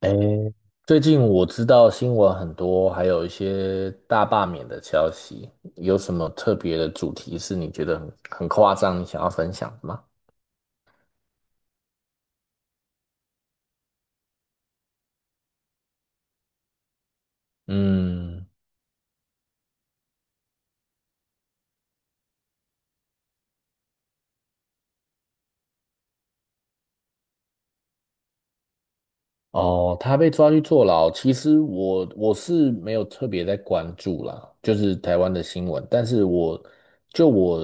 诶，最近我知道新闻很多，还有一些大罢免的消息，有什么特别的主题是你觉得很夸张，你想要分享的吗？嗯，哦，他被抓去坐牢，其实我是没有特别在关注啦，就是台湾的新闻，但是我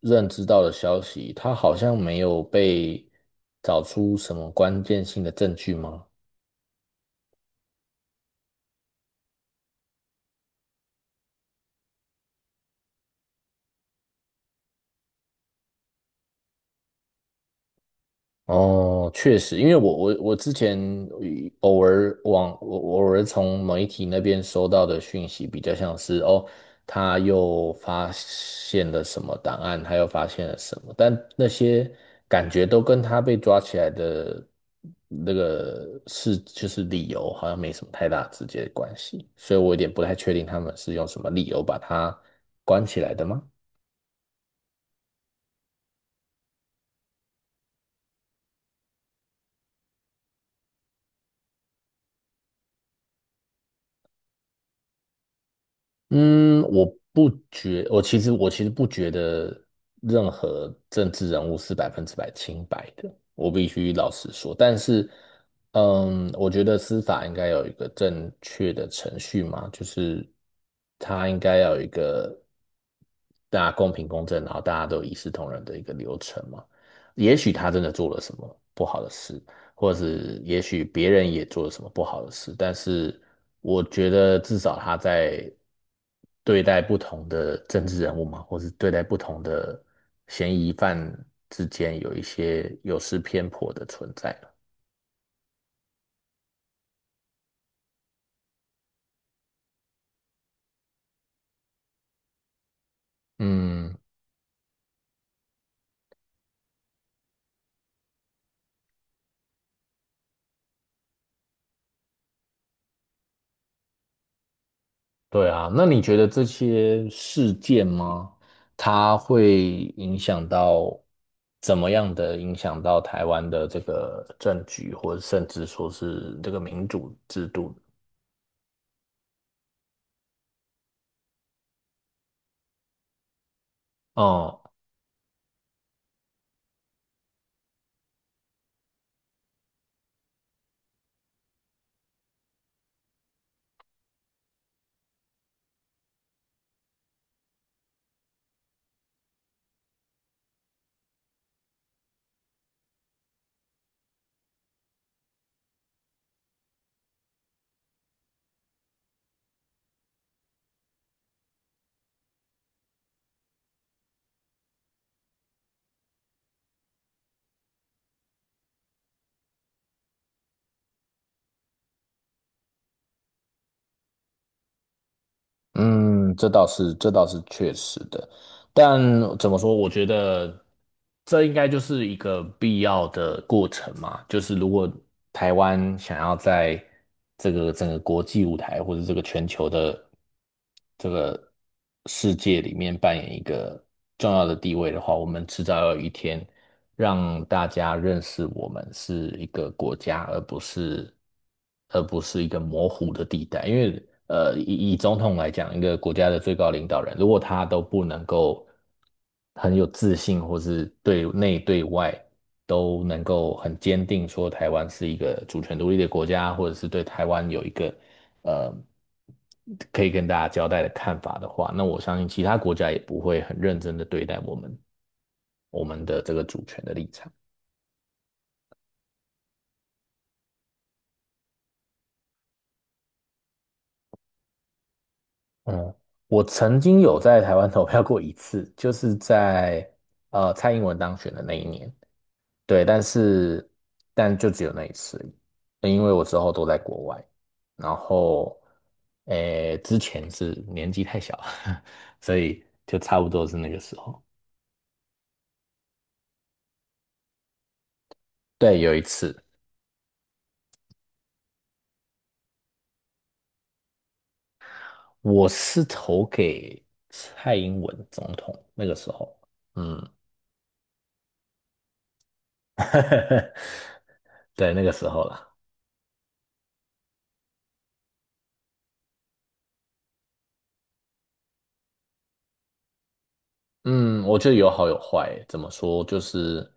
认知到的消息，他好像没有被找出什么关键性的证据吗？哦，确实，因为我之前偶尔往我我偶尔从媒体那边收到的讯息，比较像是哦，他又发现了什么档案，他又发现了什么，但那些感觉都跟他被抓起来的理由，好像没什么太大直接的关系，所以我有点不太确定他们是用什么理由把他关起来的吗？嗯，我不觉，我其实不觉得任何政治人物是百分之百清白的，我必须老实说。但是，嗯，我觉得司法应该有一个正确的程序嘛，就是它应该要有一个大家公平公正，然后大家都一视同仁的一个流程嘛。也许他真的做了什么不好的事，或是也许别人也做了什么不好的事，但是我觉得至少他在对待不同的政治人物嘛，或是对待不同的嫌疑犯之间有一些有失偏颇的存在了。嗯，对啊，那你觉得这些事件吗？它会影响到怎么样的影响到台湾的这个政局，或者甚至说是这个民主制度？哦。嗯，这倒是，这倒是确实的。但怎么说？我觉得这应该就是一个必要的过程嘛。就是如果台湾想要在这个整个国际舞台或者这个全球的这个世界里面扮演一个重要的地位的话，我们迟早有一天让大家认识我们是一个国家，而不是一个模糊的地带。因为以总统来讲，一个国家的最高领导人，如果他都不能够很有自信，或是对内对外。都能够很坚定说台湾是一个主权独立的国家，或者是对台湾有一个呃可以跟大家交代的看法的话，那我相信其他国家也不会很认真的对待我们的这个主权的立场。嗯，我曾经有在台湾投票过一次，就是在蔡英文当选的那一年，对，但是但就只有那一次而已，因为我之后都在国外，然后诶之前是年纪太小，所以就差不多是那个时候。对，有一次，我是投给蔡英文总统那个时候，嗯，对，那个时候了。嗯，我觉得有好有坏欸。怎么说？就是，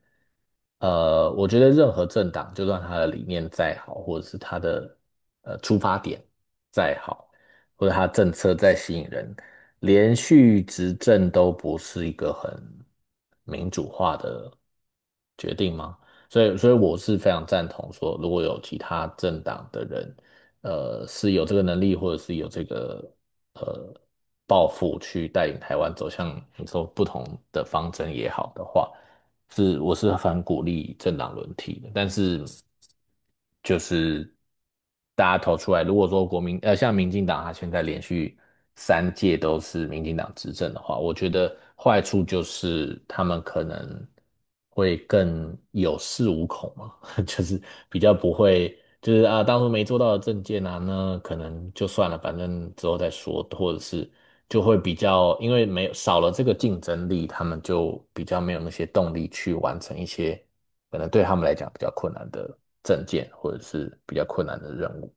呃，我觉得任何政党，就算他的理念再好，或者是他的出发点再好，或者他政策再吸引人，连续执政都不是一个很民主化的决定吗？所以我是非常赞同说，如果有其他政党的人是有这个能力，或者是有这个呃抱负去带领台湾走向你说不同的方针也好的话，是我是很鼓励政党轮替的，但是就是大家投出来，如果说国民像民进党，啊，现在连续三届都是民进党执政的话，我觉得坏处就是他们可能会更有恃无恐嘛。就是比较不会，就是啊，当初没做到的证件啊，那可能就算了，反正之后再说，或者是就会比较，因为没有少了这个竞争力，他们就比较没有那些动力去完成一些可能对他们来讲比较困难的证件，或者是比较困难的任务。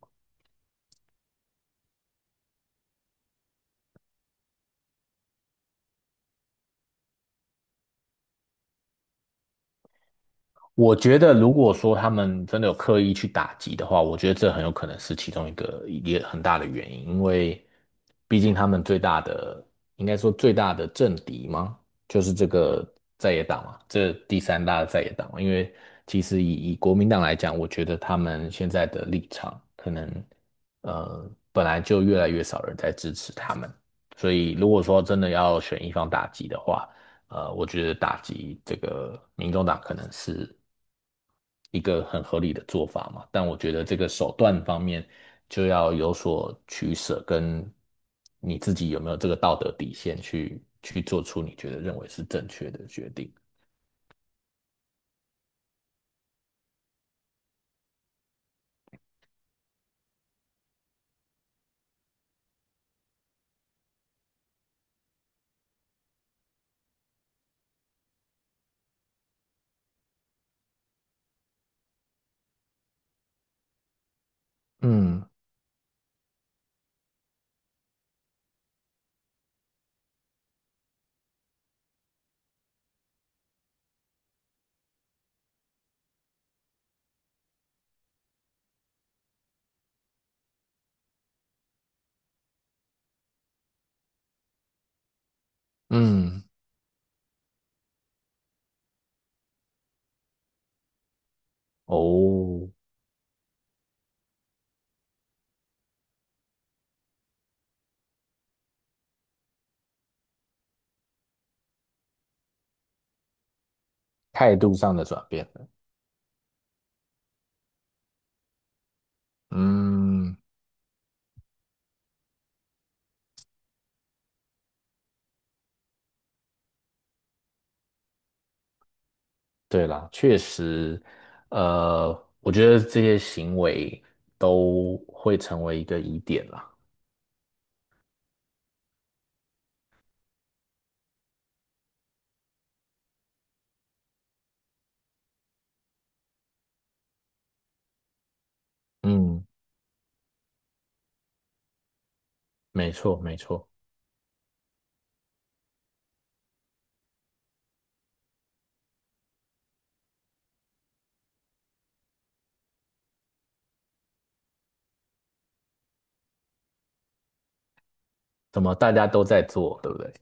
我觉得，如果说他们真的有刻意去打击的话，我觉得这很有可能是其中一个也很大的原因，因为毕竟他们最大的，应该说最大的政敌嘛，就是这个在野党嘛，这第三大的在野党嘛。因为其实以国民党来讲，我觉得他们现在的立场可能，呃，本来就越来越少人在支持他们，所以如果说真的要选一方打击的话，呃，我觉得打击这个民众党可能是一个很合理的做法嘛。但我觉得这个手段方面就要有所取舍，跟你自己有没有这个道德底线去做出你觉得认为是正确的决定。嗯嗯，哦，态度上的转变了。嗯，对啦，确实，呃，我觉得这些行为都会成为一个疑点啦。嗯，没错没错，怎么大家都在做，对不对？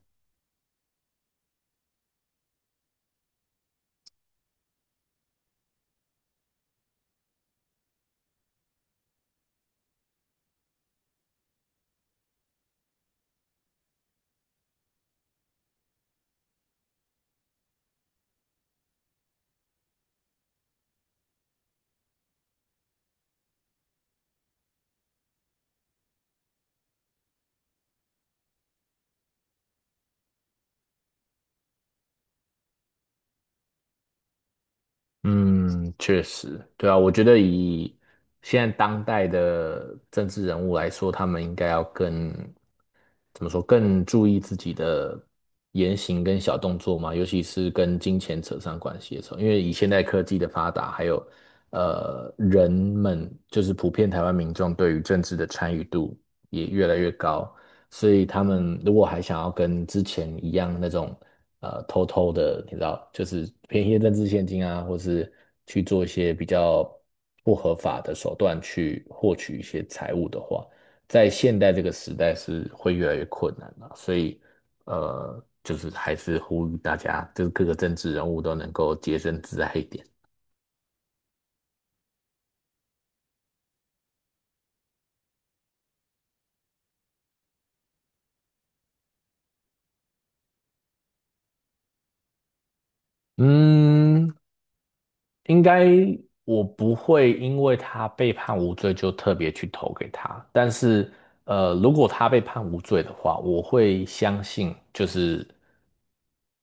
嗯，确实，对啊，我觉得以现在当代的政治人物来说，他们应该要更，怎么说，更注意自己的言行跟小动作嘛，尤其是跟金钱扯上关系的时候，因为以现代科技的发达，还有人们就是普遍台湾民众对于政治的参与度也越来越高，所以他们如果还想要跟之前一样那种偷偷的，你知道，就是便宜的政治现金啊，或是去做一些比较不合法的手段去获取一些财物的话，在现代这个时代是会越来越困难的啊。所以就是还是呼吁大家，就是各个政治人物都能够洁身自爱一点。嗯，应该我不会因为他被判无罪就特别去投给他，但是如果他被判无罪的话，我会相信就是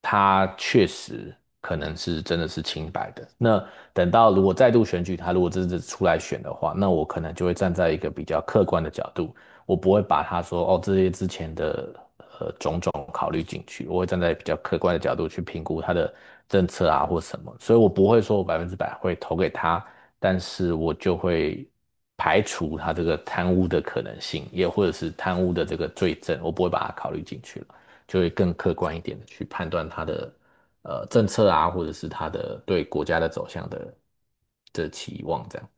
他确实可能是真的是清白的。那等到如果再度选举他，如果真的出来选的话，那我可能就会站在一个比较客观的角度，我不会把他说哦这些之前的。考虑进去，我会站在比较客观的角度去评估他的政策啊或什么，所以我不会说我百分之百会投给他，但是我就会排除他这个贪污的可能性，也或者是贪污的这个罪证，我不会把它考虑进去了，就会更客观一点的去判断他的政策啊，或者是他的对国家的走向的期望这样。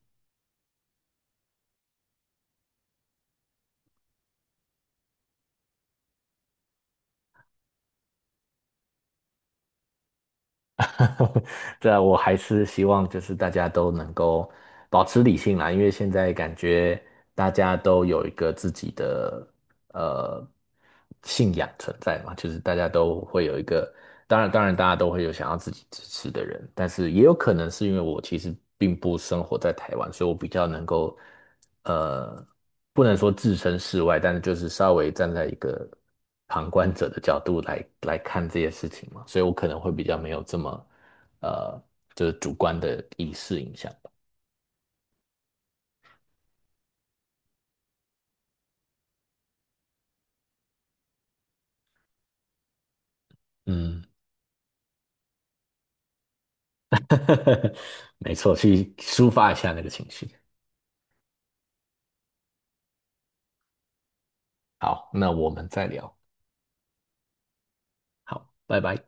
对啊，我还是希望就是大家都能够保持理性啦，因为现在感觉大家都有一个自己的呃信仰存在嘛，就是大家都会有一个，当然大家都会有想要自己支持的人，但是也有可能是因为我其实并不生活在台湾，所以我比较能够呃不能说置身事外，但是就是稍微站在一个。旁观者的角度来看这些事情嘛，所以我可能会比较没有这么呃，就是主观的意识影响吧。嗯，没错，去抒发一下那个情绪。好，那我们再聊。好，拜拜。